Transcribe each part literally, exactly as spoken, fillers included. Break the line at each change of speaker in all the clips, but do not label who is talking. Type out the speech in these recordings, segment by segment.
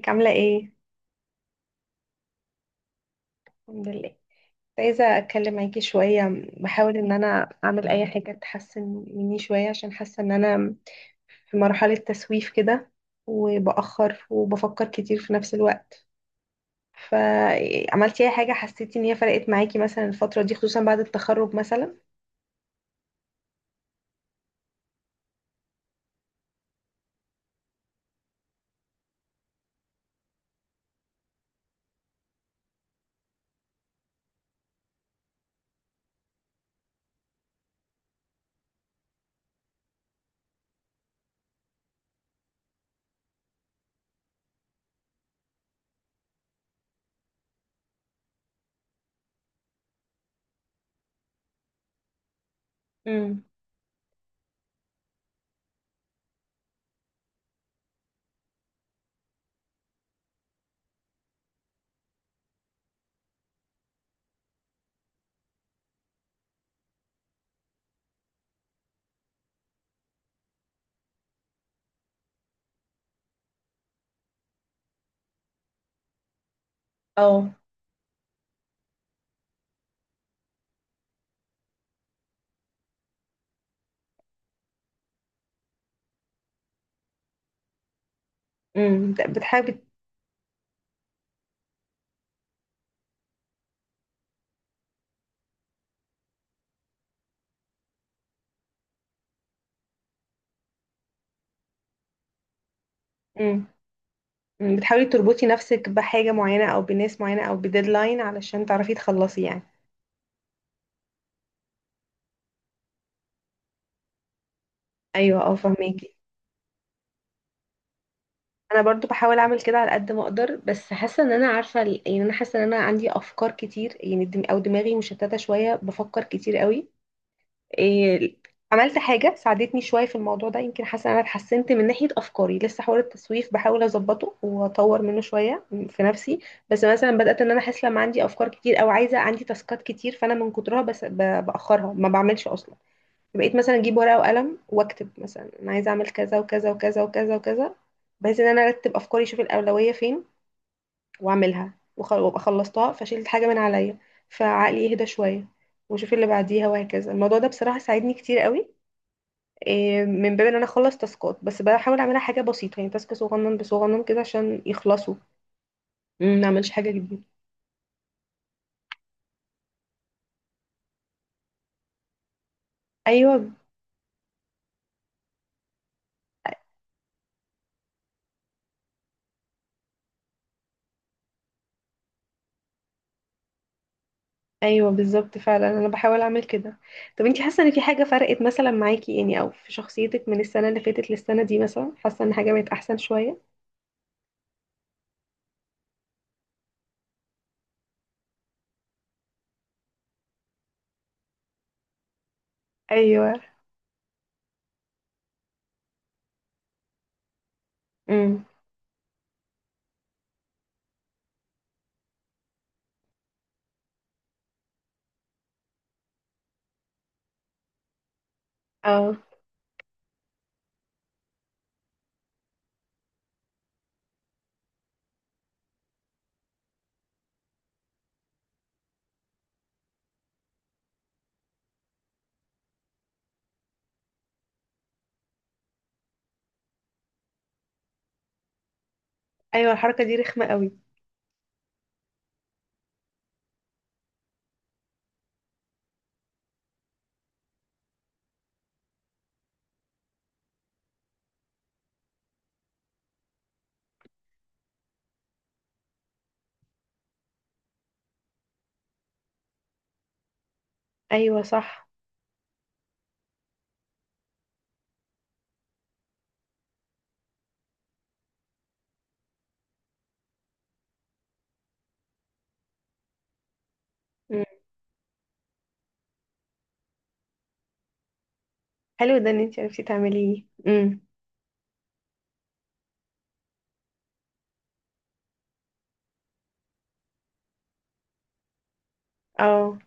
ازيك عاملة ايه؟ الحمد لله. كنت عايزة اتكلم معاكي شوية، بحاول ان انا اعمل اي حاجة تحسن مني شوية، عشان حاسة ان انا في مرحلة تسويف كده، وبأخر وبفكر كتير في نفس الوقت. فعملتي اي حاجة حسيتي ان هي فرقت معاكي مثلا الفترة دي، خصوصا بعد التخرج مثلا؟ امم. اه. امم. بتحاولي امم أمم. بتحاولي تربطي نفسك بحاجة معينة او بناس معينة او بديدلاين علشان تعرفي تخلصي يعني؟ ايوه، اه، فهماكي. انا برضو بحاول اعمل كده على قد ما اقدر، بس حاسه ان انا عارفه ال- يعني انا حاسه ان انا عندي افكار كتير، يعني دم او دماغي مشتته شويه، بفكر كتير قوي. إيه. عملت حاجه ساعدتني شويه في الموضوع ده، يمكن حاسه ان انا اتحسنت من ناحيه افكاري. لسه حوار التسويف بحاول اظبطه واطور منه شويه في نفسي. بس مثلا بدات ان انا احس لما عندي افكار كتير او عايزه عندي تاسكات كتير، فانا من كترها بس ب- باخرها ما بعملش اصلا. بقيت مثلا اجيب ورقه وقلم واكتب، مثلا انا عايزه اعمل كذا وكذا وكذا وكذا وكذا، بحيث ان انا ارتب افكاري، اشوف الاولويه فين واعملها، وخ- وابقى خلصتها فشيلت حاجه من عليا، فعقلي يهدى شويه، واشوف اللي بعديها وهكذا. الموضوع ده بصراحه ساعدني كتير قوي، إيه، من باب ان انا اخلص تاسكات. بس بحاول اعملها حاجه بسيطه، يعني تاسك صغنن بصغنن كده عشان يخلصوا، ما اعملش حاجه كبيره. ايوه. ايوه بالظبط، فعلا انا بحاول اعمل كده. طب انتي حاسه ان في حاجه فرقت مثلا معاكي يعني، او في شخصيتك من السنه اللي فاتت للسنه دي مثلا، حاسه ان حاجه بقت احسن شويه؟ ايوه. امم. اه. ايوه، الحركه دي رخمه قوي. ايوه صح. امم. حلو ده ان انتي عرفتي تعمليه. امم. اه.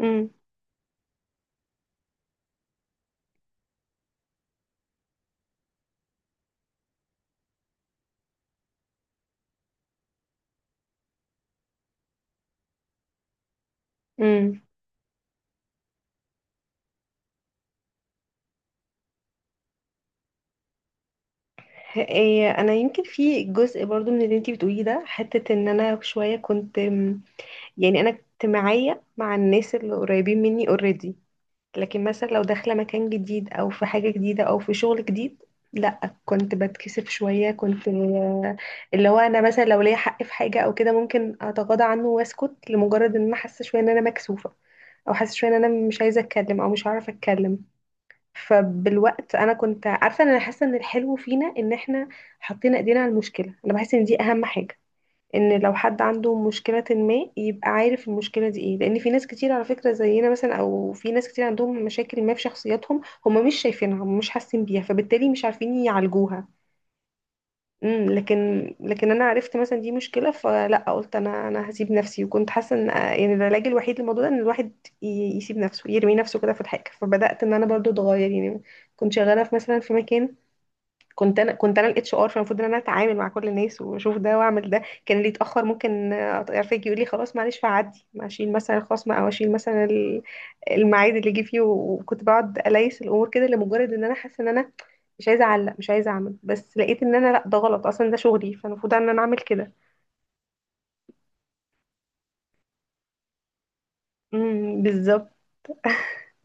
امم. امم. إيه انا يمكن في جزء برضو من اللي انتي بتقوليه ده، حته ان انا شويه كنت أم، يعني انا اجتماعيه مع الناس اللي قريبين مني اوريدي. لكن مثلا لو داخلة مكان جديد أو في حاجة جديدة أو في شغل جديد، لا كنت بتكسف شوية، كنت آه، اللي هو أنا مثلا لو ليا حق في حاجة أو كده ممكن أتغاضى عنه وأسكت، لمجرد إن أنا حاسة شوية إن أنا مكسوفة، أو حاسة شوية إن أنا مش عايزة أتكلم أو مش هعرف أتكلم. فبالوقت أنا كنت عارفة إن أنا حاسة إن الحلو فينا إن إحنا حاطين إيدينا على المشكلة. أنا بحس إن دي أهم حاجة، ان لو حد عنده مشكلة ما يبقى عارف المشكلة دي ايه، لان في ناس كتير على فكرة زينا مثلا، او في ناس كتير عندهم مشاكل ما في شخصياتهم، هم مش شايفينها، هم مش حاسين بيها، فبالتالي مش عارفين يعالجوها. امم. لكن لكن انا عرفت مثلا دي مشكلة، فلا قلت انا انا هسيب نفسي. وكنت حاسة ان يعني العلاج الوحيد للموضوع ده ان الواحد ي- يسيب نفسه، يرمي نفسه كده في الحاجة. فبدأت ان انا برضو اتغير يعني. كنت شغالة في مثلا في مكان، كنت انا كنت انا الاتش ار، فالمفروض ان انا اتعامل مع كل الناس واشوف ده واعمل ده. كان اللي يتاخر ممكن يعرفك، يقول لي خلاص معلش، فعدي اشيل مثلا الخصم، او اشيل مثلا ال- الميعاد اللي جه فيه، وكنت بقعد اليس الامور كده، لمجرد ان انا حاسه ان انا مش عايزه اعلق، مش عايزه اعمل. بس لقيت ان انا لا، ده غلط اصلا، ده شغلي فالمفروض ان انا اعمل كده. امم بالظبط.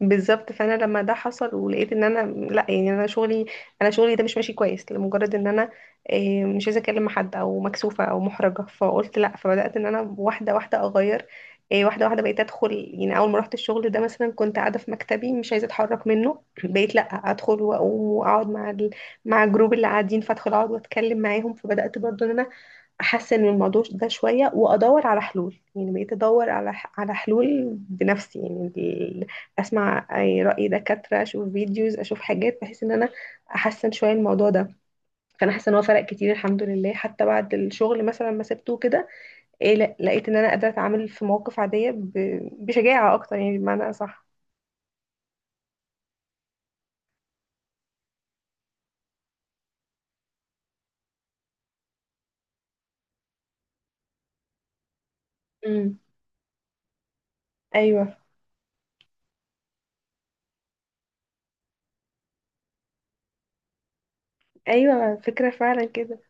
بالظبط، فانا لما ده حصل ولقيت ان انا لا يعني، انا شغلي انا شغلي ده مش ماشي كويس، لمجرد ان انا آه، مش عايزه اكلم حد او مكسوفه او محرجه. فقلت لا، فبدات ان انا واحده واحده اغير. آه، واحده واحده بقيت ادخل، يعني اول ما رحت الشغل ده مثلا، كنت قاعده في مكتبي مش عايزه اتحرك منه بقيت لا، ادخل واقوم واقعد مع ال... مع الجروب اللي قاعدين، فادخل اقعد واتكلم معاهم. فبدات برضو ان انا احسن من الموضوع ده شويه، وادور على حلول، يعني بقيت ادور على على حلول بنفسي يعني، اسمع اي راي دكاتره، اشوف فيديوز، اشوف حاجات، بحيث ان انا احسن شويه الموضوع ده. فانا حاسه ان هو فرق كتير الحمد لله، حتى بعد الشغل مثلا ما سبته كده. إيه، لا- لقيت ان انا قادره اتعامل في مواقف عاديه ب- بشجاعه اكتر يعني، بمعنى اصح. امم. ايوه. ايوه فكره فعلا كده.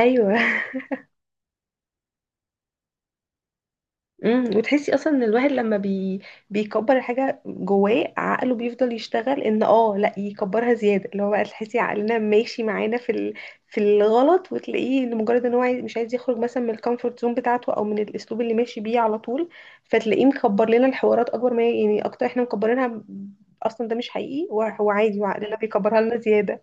ايوه امم. وتحسي اصلا ان الواحد لما بي... بيكبر الحاجه جواه، عقله بيفضل يشتغل ان اه لا يكبرها زياده. اللي هو بقى تحسي عقلنا ماشي معانا في ال... في الغلط، وتلاقيه ان مجرد ان هو عايز... مش عايز يخرج مثلا من الكومفورت زون بتاعته، او من الاسلوب اللي ماشي بيه على طول، فتلاقيه مكبر لنا الحوارات اكبر ما هي، يعني اكتر احنا مكبرينها، اصلا ده مش حقيقي وهو عادي، وعقلنا بيكبرها لنا زياده.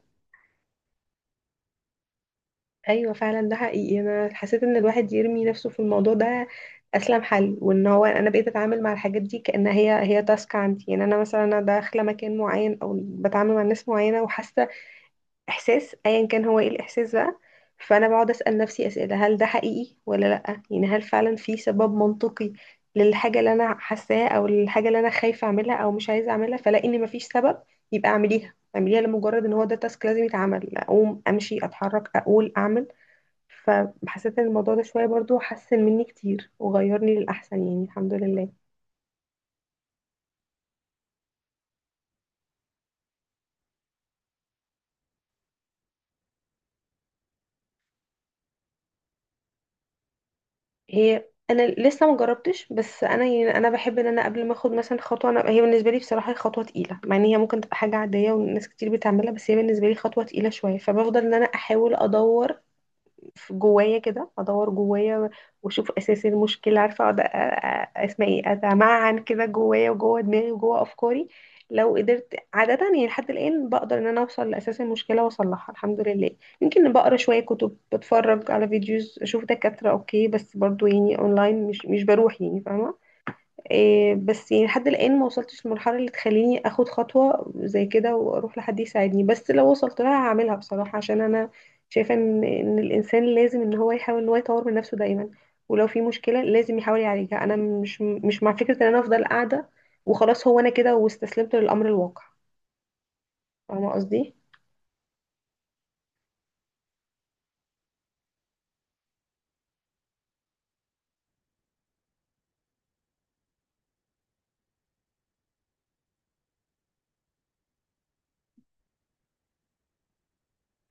ايوه فعلا ده حقيقي. انا حسيت ان الواحد يرمي نفسه في الموضوع ده اسلم حل، وان هو انا بقيت اتعامل مع الحاجات دي كانها هي هي تاسك عندي، يعني انا مثلا انا داخله مكان معين او بتعامل مع ناس معينه، وحاسه احساس ايا كان هو ايه الاحساس بقى، فانا بقعد اسال نفسي اسئله، هل ده حقيقي ولا لا، يعني هل فعلا في سبب منطقي للحاجه اللي انا حاساها، او الحاجه اللي انا خايفه اعملها او مش عايزه اعملها، فلاقي ان مفيش سبب، يبقى اعمليها. اعمليها لمجرد ان هو ده تاسك لازم يتعمل، اقوم امشي اتحرك اقول اعمل. فحسيت ان الموضوع ده شويه برضو حسن مني كتير، وغيرني للاحسن يعني الحمد لله. هي انا لسه ما جربتش، بس انا يعني انا بحب ان انا قبل ما اخد مثلا خطوه، انا هي بالنسبه لي بصراحه هي خطوه تقيله، مع ان هي ممكن تبقى حاجه عاديه وناس كتير بتعملها، بس هي بالنسبه لي خطوه تقيله شويه. فبفضل ان انا احاول ادور في جوايا كده، ادور جوايا واشوف اساس المشكله، عارفه اقعد، أ- أ- اسمع ايه، اتمعن كده جوايا وجوه دماغي وجوه افكاري. لو قدرت عاده يعني، لحد الان بقدر ان انا اوصل لاساس المشكله واصلحها الحمد لله. يمكن بقرا شويه كتب، بتفرج على فيديوز، اشوف دكاتره اوكي، بس برضو يعني اونلاين، مش مش بروح يعني، فاهمه؟ إيه، بس يعني لحد الآن ما وصلتش للمرحلة اللي تخليني اخد خطوة زي كده واروح لحد يساعدني. بس لو وصلت لها هعملها بصراحة، عشان انا شايفة ان ان الانسان لازم ان هو يحاول ان هو يطور من نفسه دايما، ولو في مشكلة لازم يحاول يعالجها. انا مش مش مع فكرة ان انا افضل قاعدة وخلاص، هو انا كده واستسلمت للامر الواقع. فاهمة قصدي؟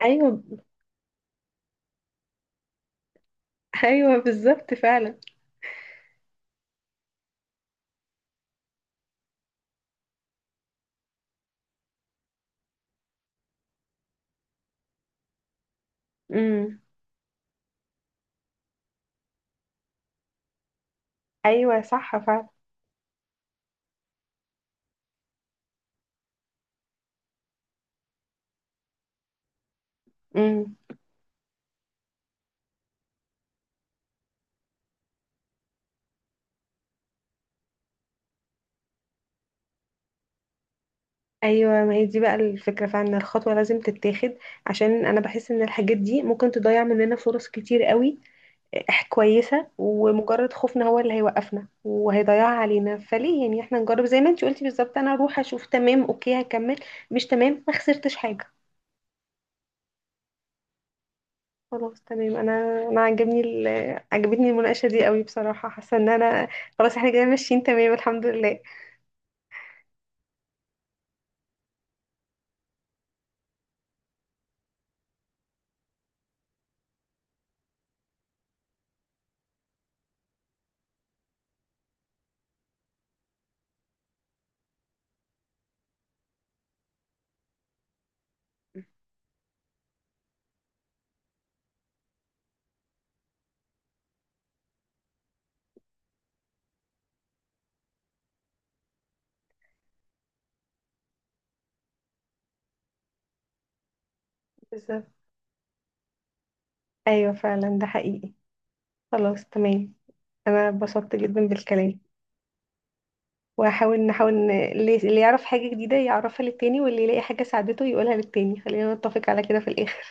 ايوه. ايوه بالظبط فعلا. امم. ايوه صح فعلا. امم. ايوه، ما هي دي بقى الفكره فعلا، إن الخطوه لازم تتاخد، عشان انا بحس ان الحاجات دي ممكن تضيع مننا فرص كتير قوي. إح كويسه، ومجرد خوفنا هو اللي هيوقفنا وهيضيعها علينا، فليه يعني احنا نجرب؟ زي ما انت قلتي بالظبط، انا اروح اشوف. تمام، اوكي هكمل. مش تمام، ما خسرتش حاجه. خلاص تمام. انا انا عجبني ال... عجبتني المناقشه دي قوي بصراحه. حاسه ان انا خلاص، احنا كده ماشيين تمام الحمد لله. بالظبط. ايوه فعلا ده حقيقي. خلاص تمام. انا اتبسطت جدا بالكلام. وهحاول نحاول ن- اللي اللي يعرف حاجة جديدة يعرفها للتاني، واللي يلاقي حاجة ساعدته يقولها للتاني، خلينا نتفق على كده في الآخر.